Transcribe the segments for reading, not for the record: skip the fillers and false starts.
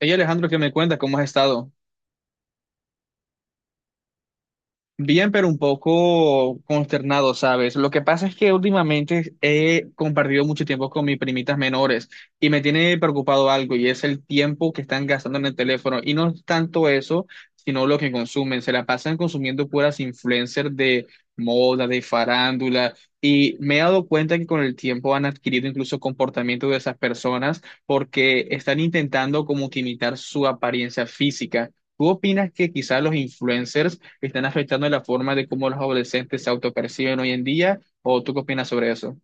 Hey Alejandro, ¿qué me cuenta? ¿Cómo has estado? Bien, pero un poco consternado, ¿sabes? Lo que pasa es que últimamente he compartido mucho tiempo con mis primitas menores y me tiene preocupado algo, y es el tiempo que están gastando en el teléfono. Y no es tanto eso, sino lo que consumen. Se la pasan consumiendo puras influencers de moda, de farándula. Y me he dado cuenta que con el tiempo han adquirido incluso comportamiento de esas personas, porque están intentando como que imitar su apariencia física. ¿Tú opinas que quizás los influencers que están afectando la forma de cómo los adolescentes se autoperciben hoy en día? ¿O tú qué opinas sobre eso?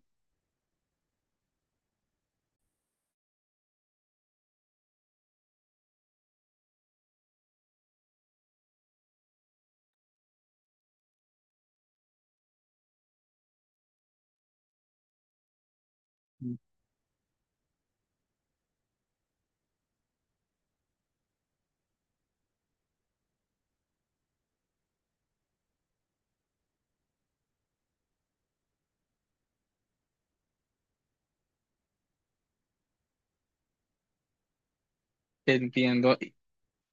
Entiendo.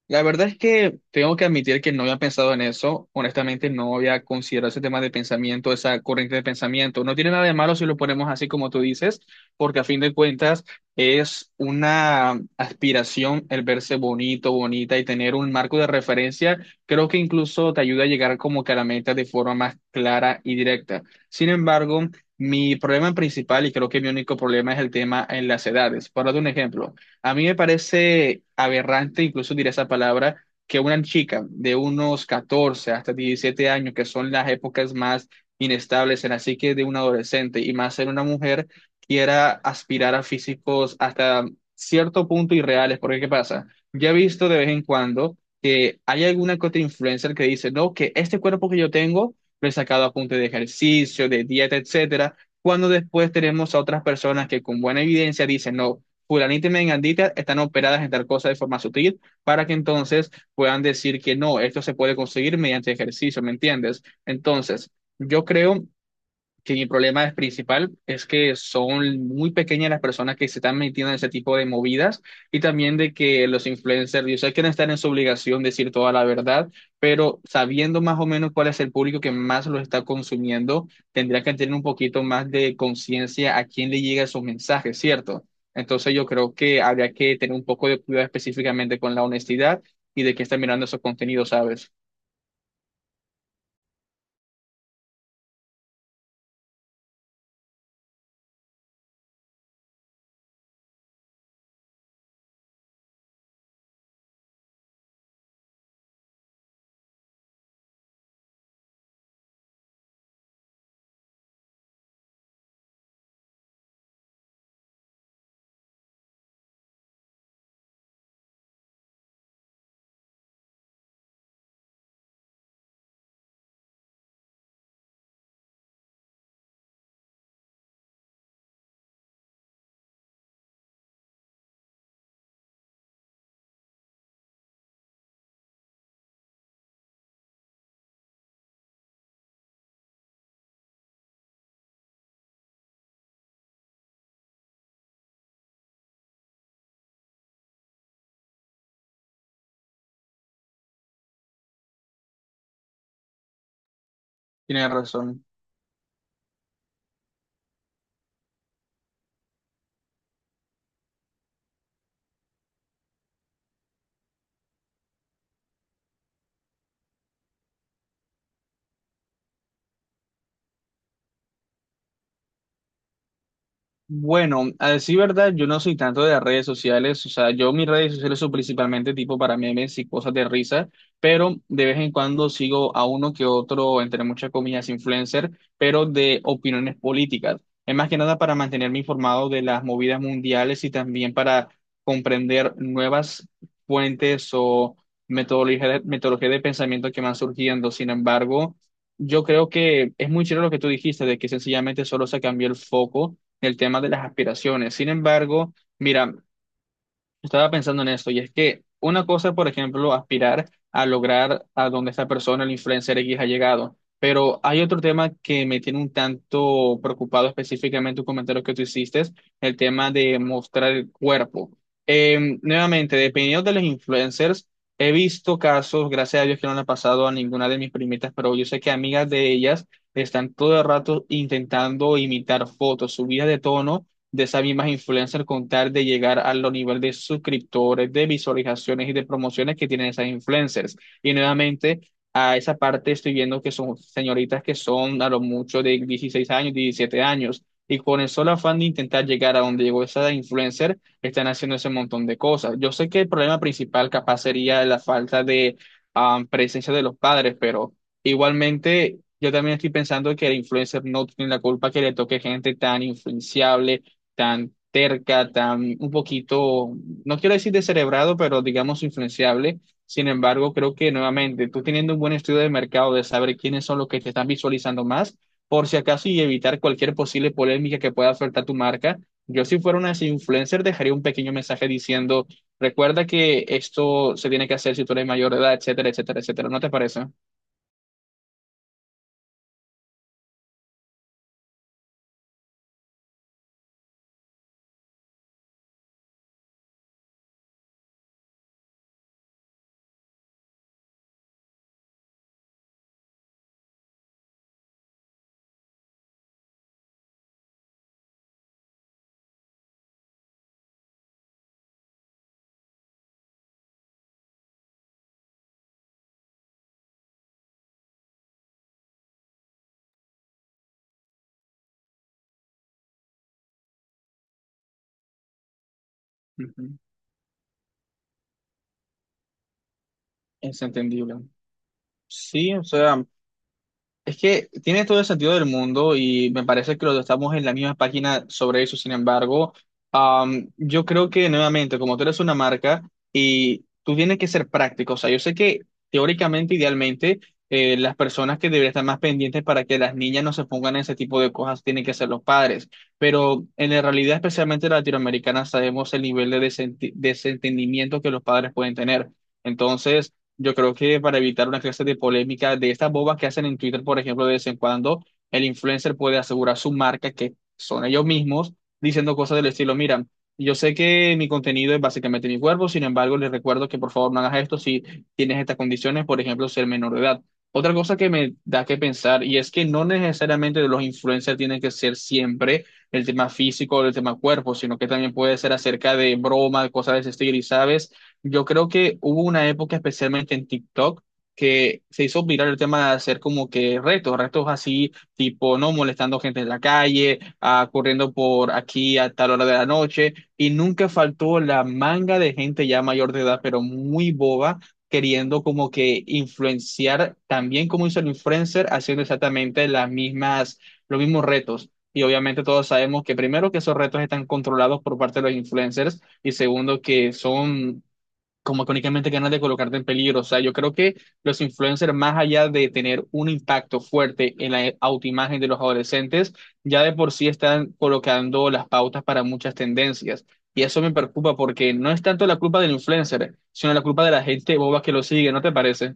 La verdad es que tengo que admitir que no había pensado en eso. Honestamente, no había considerado ese tema de pensamiento, esa corriente de pensamiento. No tiene nada de malo si lo ponemos así como tú dices, porque a fin de cuentas es una aspiración el verse bonito, bonita, y tener un marco de referencia. Creo que incluso te ayuda a llegar como que a la meta de forma más clara y directa. Sin embargo, mi problema principal, y creo que mi único problema, es el tema en las edades. Para dar un ejemplo. A mí me parece aberrante, incluso diré esa palabra, que una chica de unos 14 hasta 17 años, que son las épocas más inestables en la psique de un adolescente, y más en una mujer, quiera aspirar a físicos hasta cierto punto irreales. Porque, ¿qué pasa? Ya he visto de vez en cuando que hay alguna que otra influencer que dice, no, que este cuerpo que yo tengo lo he sacado a punto de ejercicio, de dieta, etcétera. Cuando después tenemos a otras personas que con buena evidencia dicen, no, fulanita y mengandita están operadas en tal cosa de forma sutil para que entonces puedan decir que no, esto se puede conseguir mediante ejercicio, ¿me entiendes? Entonces, yo creo que mi problema es principal es que son muy pequeñas las personas que se están metiendo en ese tipo de movidas, y también de que los influencers, yo sé que no están en su obligación de decir toda la verdad, pero sabiendo más o menos cuál es el público que más lo está consumiendo, tendría que tener un poquito más de conciencia a quién le llega esos mensajes, ¿cierto? Entonces yo creo que habría que tener un poco de cuidado específicamente con la honestidad y de qué está mirando esos contenidos, ¿sabes? Tienes razón. Bueno, a decir verdad, yo no soy tanto de redes sociales, o sea, yo mis redes sociales son principalmente tipo para memes y cosas de risa, pero de vez en cuando sigo a uno que otro, entre muchas comillas, influencer, pero de opiniones políticas. Es más que nada para mantenerme informado de las movidas mundiales, y también para comprender nuevas fuentes o metodología de pensamiento que van surgiendo. Sin embargo, yo creo que es muy chévere lo que tú dijiste, de que sencillamente solo se cambió el foco, el tema de las aspiraciones. Sin embargo, mira, estaba pensando en esto, y es que una cosa, por ejemplo, aspirar a lograr a donde esta persona, el influencer X, ha llegado. Pero hay otro tema que me tiene un tanto preocupado, específicamente un comentario que tú hiciste, el tema de mostrar el cuerpo. Nuevamente, dependiendo de los influencers, he visto casos, gracias a Dios que no le ha pasado a ninguna de mis primitas, pero yo sé que amigas de ellas están todo el rato intentando imitar fotos, subidas de tono de esas mismas influencers, con tal de llegar a los niveles de suscriptores, de visualizaciones y de promociones que tienen esas influencers. Y nuevamente, a esa parte estoy viendo que son señoritas que son a lo mucho de 16 años, 17 años. Y con el solo afán de intentar llegar a donde llegó esa influencer, están haciendo ese montón de cosas. Yo sé que el problema principal capaz sería la falta de presencia de los padres, pero igualmente yo también estoy pensando que el influencer no tiene la culpa que le toque gente tan influenciable, tan terca, tan un poquito, no quiero decir descerebrado, pero digamos influenciable. Sin embargo, creo que nuevamente tú teniendo un buen estudio de mercado, de saber quiénes son los que te están visualizando más, por si acaso y evitar cualquier posible polémica que pueda afectar tu marca. Yo si fuera una influencer dejaría un pequeño mensaje diciendo, recuerda que esto se tiene que hacer si tú eres mayor de edad, etcétera, etcétera, etcétera. ¿No te parece? Ujú. Es entendible. Sí, o sea, es que tiene todo el sentido del mundo y me parece que los dos estamos en la misma página sobre eso. Sin embargo, yo creo que nuevamente, como tú eres una marca y tú tienes que ser práctico, o sea, yo sé que teóricamente, idealmente, las personas que deberían estar más pendientes para que las niñas no se pongan en ese tipo de cosas tienen que ser los padres, pero en la realidad, especialmente latinoamericana, sabemos el nivel de desentendimiento que los padres pueden tener. Entonces, yo creo que para evitar una clase de polémica de estas bobas que hacen en Twitter, por ejemplo, de vez en cuando, el influencer puede asegurar su marca, que son ellos mismos, diciendo cosas del estilo, mira, yo sé que mi contenido es básicamente mi cuerpo, sin embargo, les recuerdo que por favor no hagas esto si tienes estas condiciones, por ejemplo, ser menor de edad. Otra cosa que me da que pensar, y es que no necesariamente los influencers tienen que ser siempre el tema físico o el tema cuerpo, sino que también puede ser acerca de broma, cosas de ese estilo, y sabes. Yo creo que hubo una época, especialmente en TikTok, que se hizo viral el tema de hacer como que retos, retos así, tipo, no, molestando gente en la calle, corriendo por aquí a tal hora de la noche, y nunca faltó la manga de gente ya mayor de edad, pero muy boba, queriendo como que influenciar, también como hizo el influencer, haciendo exactamente las mismas, los mismos retos. Y obviamente todos sabemos que primero que esos retos están controlados por parte de los influencers, y segundo que son como que únicamente ganas de colocarte en peligro. O sea, yo creo que los influencers, más allá de tener un impacto fuerte en la autoimagen de los adolescentes, ya de por sí están colocando las pautas para muchas tendencias. Y eso me preocupa porque no es tanto la culpa del influencer, sino la culpa de la gente boba que lo sigue, ¿no te parece?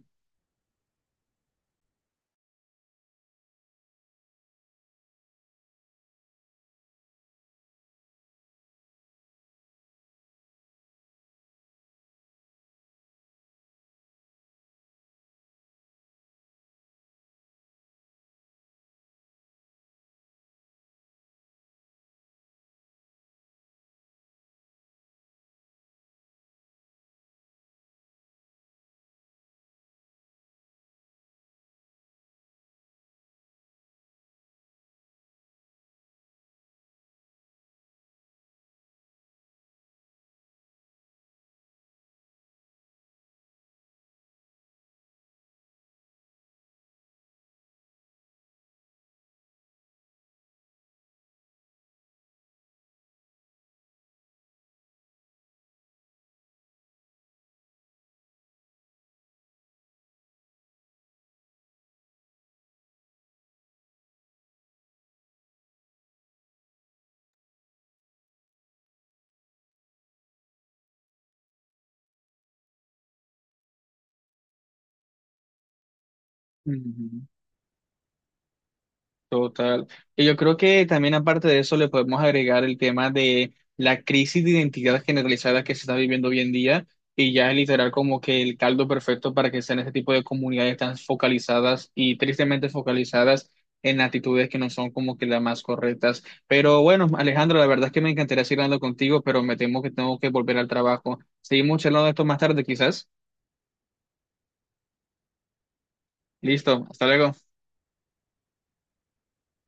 Ujú. Total. Y yo creo que también aparte de eso le podemos agregar el tema de la crisis de identidad generalizada que se está viviendo hoy en día, y ya es literal como que el caldo perfecto para que sean este tipo de comunidades tan focalizadas, y tristemente focalizadas en actitudes que no son como que las más correctas. Pero bueno, Alejandro, la verdad es que me encantaría seguir hablando contigo, pero me temo que tengo que volver al trabajo. Seguimos charlando de esto más tarde, quizás. Listo, hasta luego.